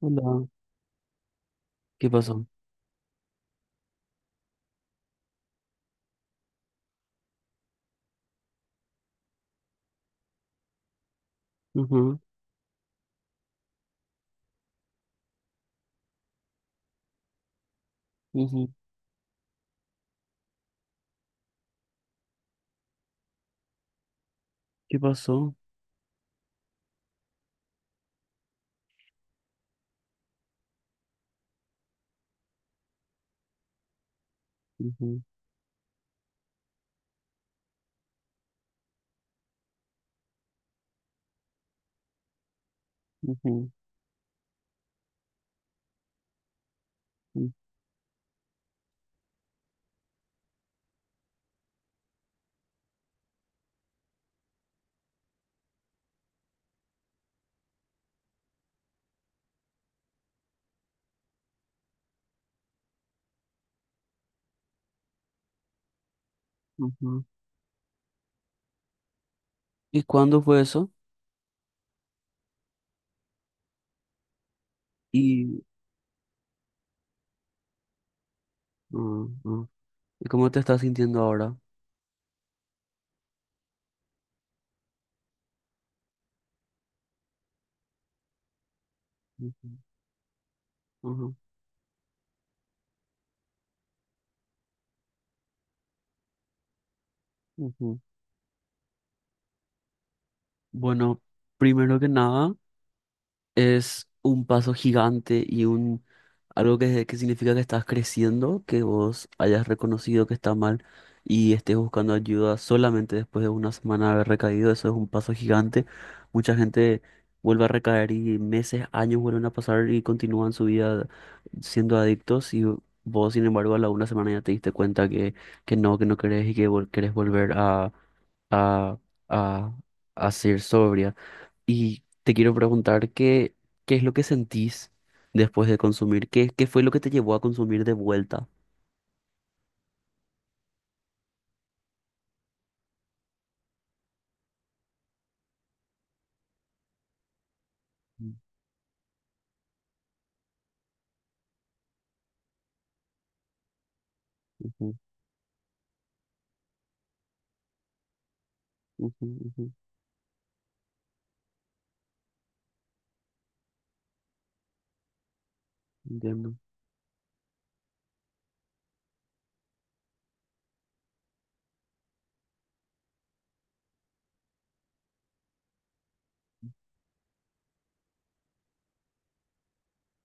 Hola, ¿qué pasó? Ujú, ujú. ¿Qué pasó? Ujú, ujú, ujú, ujú. ¿Y cuándo fue eso? Y, mm, mm. ¿Y cómo te estás sintiendo ahora? Ujú, ujú, ujú. Bueno, primero que nada. Es un paso gigante y un algo que significa que estás creciendo, que vos hayas reconocido que está mal y estés buscando ayuda solamente después de una semana de haber recaído. Eso es un paso gigante. Mucha gente vuelve a recaer y meses, años vuelven a pasar y continúan su vida siendo adictos y vos, sin embargo, a la una semana ya te diste cuenta que, que no querés y que querés volver a, a, a ser sobria. Y te quiero preguntar qué es lo que sentís después de consumir, qué fue lo que te llevó a consumir de vuelta. Mm, ujú, ujú, ujú, entiendo.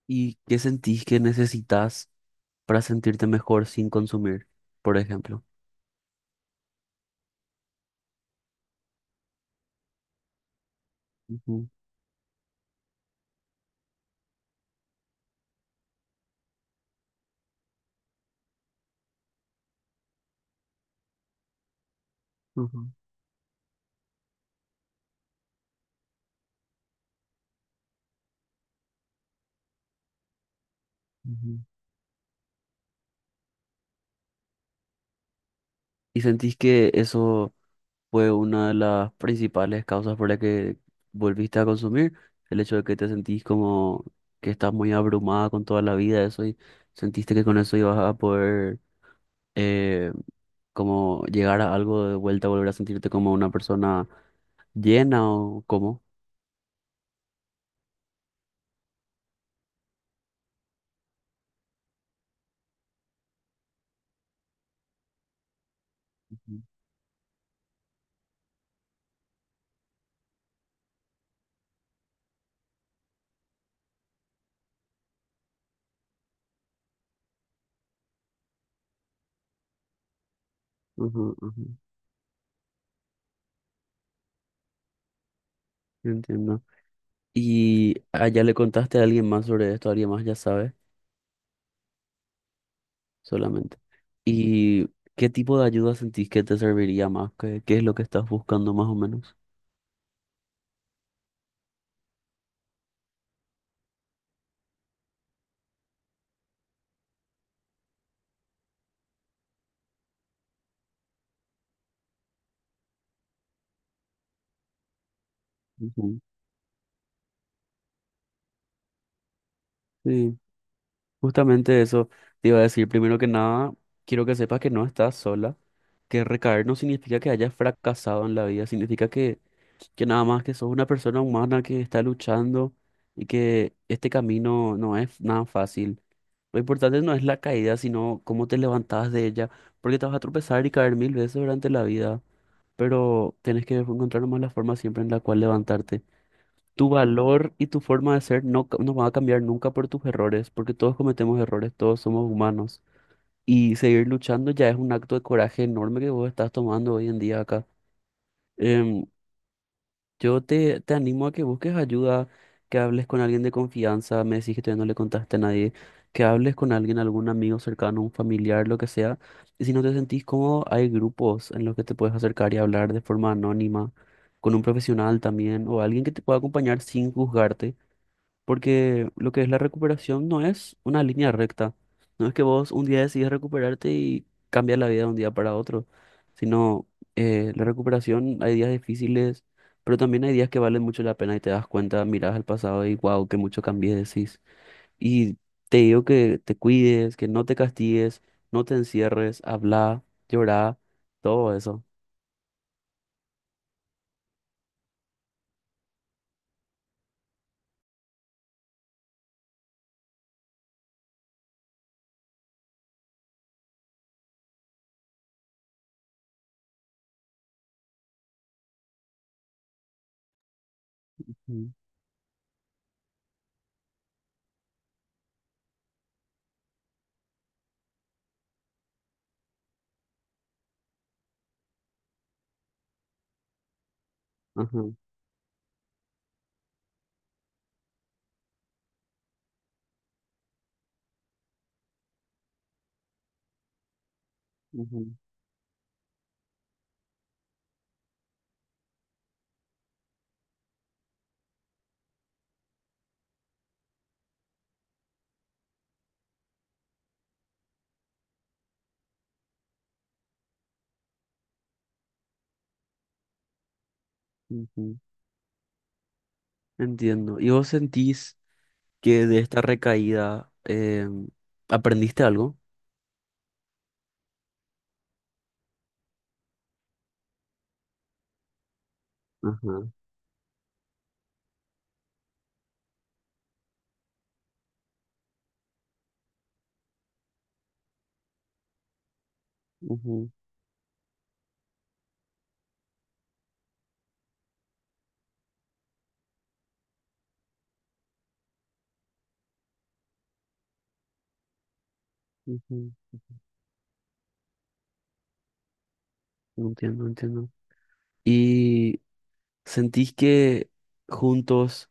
¿Y qué sentís que necesitas para sentirte mejor sin consumir, por ejemplo? Ujú, ujú, ujú. ¿Y sentís que eso fue una de las principales causas por la que volviste a consumir? El hecho de que te sentís como que estás muy abrumada con toda la vida, eso y sentiste que con eso ibas a poder eh, como llegar a algo de vuelta, volver a sentirte como una persona llena o cómo. Ujú, ujú, ujú. Entiendo. ¿Y allá le contaste a alguien más sobre esto? ¿Alguien más ya sabe? Solamente. ¿Y qué tipo de ayuda sentís que te serviría más? ¿Qué es lo que estás buscando más o menos? Ujú. Sí, justamente eso te iba a decir. Primero que nada, quiero que sepas que no estás sola, que recaer no significa que hayas fracasado en la vida, significa que nada más que sos una persona humana que está luchando y que este camino no es nada fácil. Lo importante no es la caída, sino cómo te levantabas de ella, porque te vas a tropezar y caer mil veces durante la vida, pero tenés que encontrar nomás la forma siempre en la cual levantarte. Tu valor y tu forma de ser no, no van a cambiar nunca por tus errores, porque todos cometemos errores, todos somos humanos. Y seguir luchando ya es un acto de coraje enorme que vos estás tomando hoy en día acá. Em, yo te animo a que busques ayuda, que hables con alguien de confianza, me decís que todavía no le contaste a nadie, que hables con alguien, algún amigo cercano, un familiar, lo que sea. Y si no te sentís cómodo, hay grupos en los que te puedes acercar y hablar de forma anónima, con un profesional también, o alguien que te pueda acompañar sin juzgarte porque lo que es la recuperación no es una línea recta. No es que vos un día decides recuperarte y cambias la vida de un día para otro, sino la recuperación, hay días difíciles, pero también hay días que valen mucho la pena y te das cuenta, miras al pasado y wow, que mucho cambié, decís. Y te digo que te cuides, que no te castigues, no te encierres, habla, llora, todo eso. Ujú, ajá, ujú, ujú. Entiendo. ¿Y vos sentís que de esta recaída aprendiste algo? Ajá. Ujú, ujú, entiendo, entiendo. ¿Y sentís que juntos?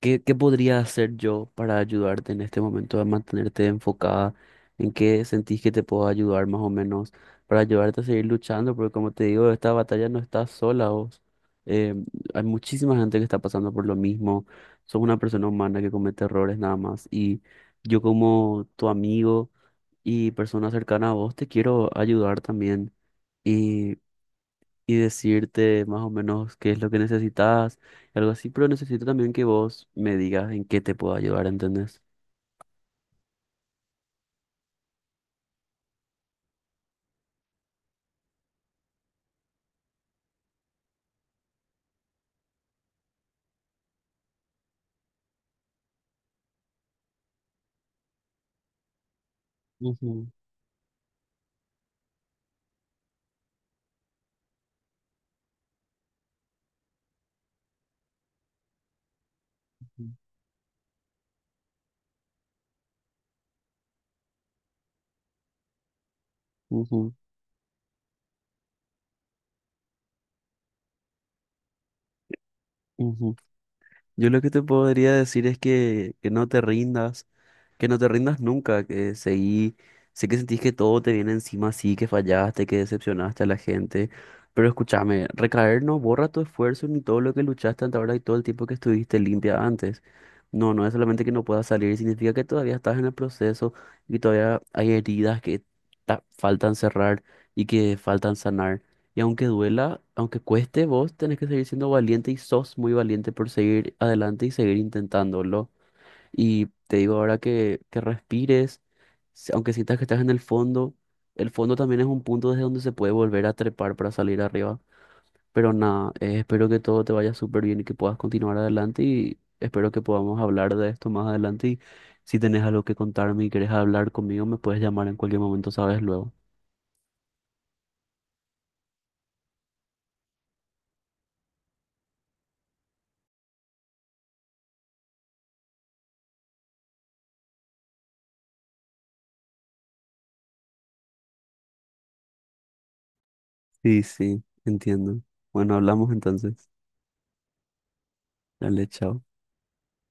¿Qué podría hacer yo para ayudarte en este momento a mantenerte enfocada? ¿En qué sentís que te puedo ayudar más o menos para ayudarte a seguir luchando? Porque como te digo, esta batalla no estás sola vos. Eh, Hay muchísima gente que está pasando por lo mismo. Sos una persona humana que comete errores nada más. Y yo como tu amigo y persona cercana a vos te quiero ayudar también y decirte más o menos qué es lo que necesitas, algo así, pero necesito también que vos me digas en qué te puedo ayudar, ¿entendés? Ujú, ujú. Ujú, ujú. Yo lo que te podría decir es que no te rindas, que no te rindas nunca, que seguí, sé que sentís que todo te viene encima, sí, que fallaste, que decepcionaste a la gente, pero escúchame, recaer no borra tu esfuerzo ni todo lo que luchaste hasta ahora y todo el tiempo que estuviste limpia antes. No, no es solamente que no puedas salir, significa que todavía estás en el proceso y todavía hay heridas que faltan cerrar y que faltan sanar. Y aunque duela, aunque cueste, vos tenés que seguir siendo valiente y sos muy valiente por seguir adelante y seguir intentándolo. Y te digo ahora que respires, aunque sientas que estás en el fondo también es un punto desde donde se puede volver a trepar para salir arriba. Pero nada, espero que todo te vaya súper bien y que puedas continuar adelante y espero que podamos hablar de esto más adelante. Y si tenés algo que contarme y querés hablar conmigo, me puedes llamar en cualquier momento, sabes luego. Sí, sí, entiendo. Bueno, hablamos entonces. Dale, chao.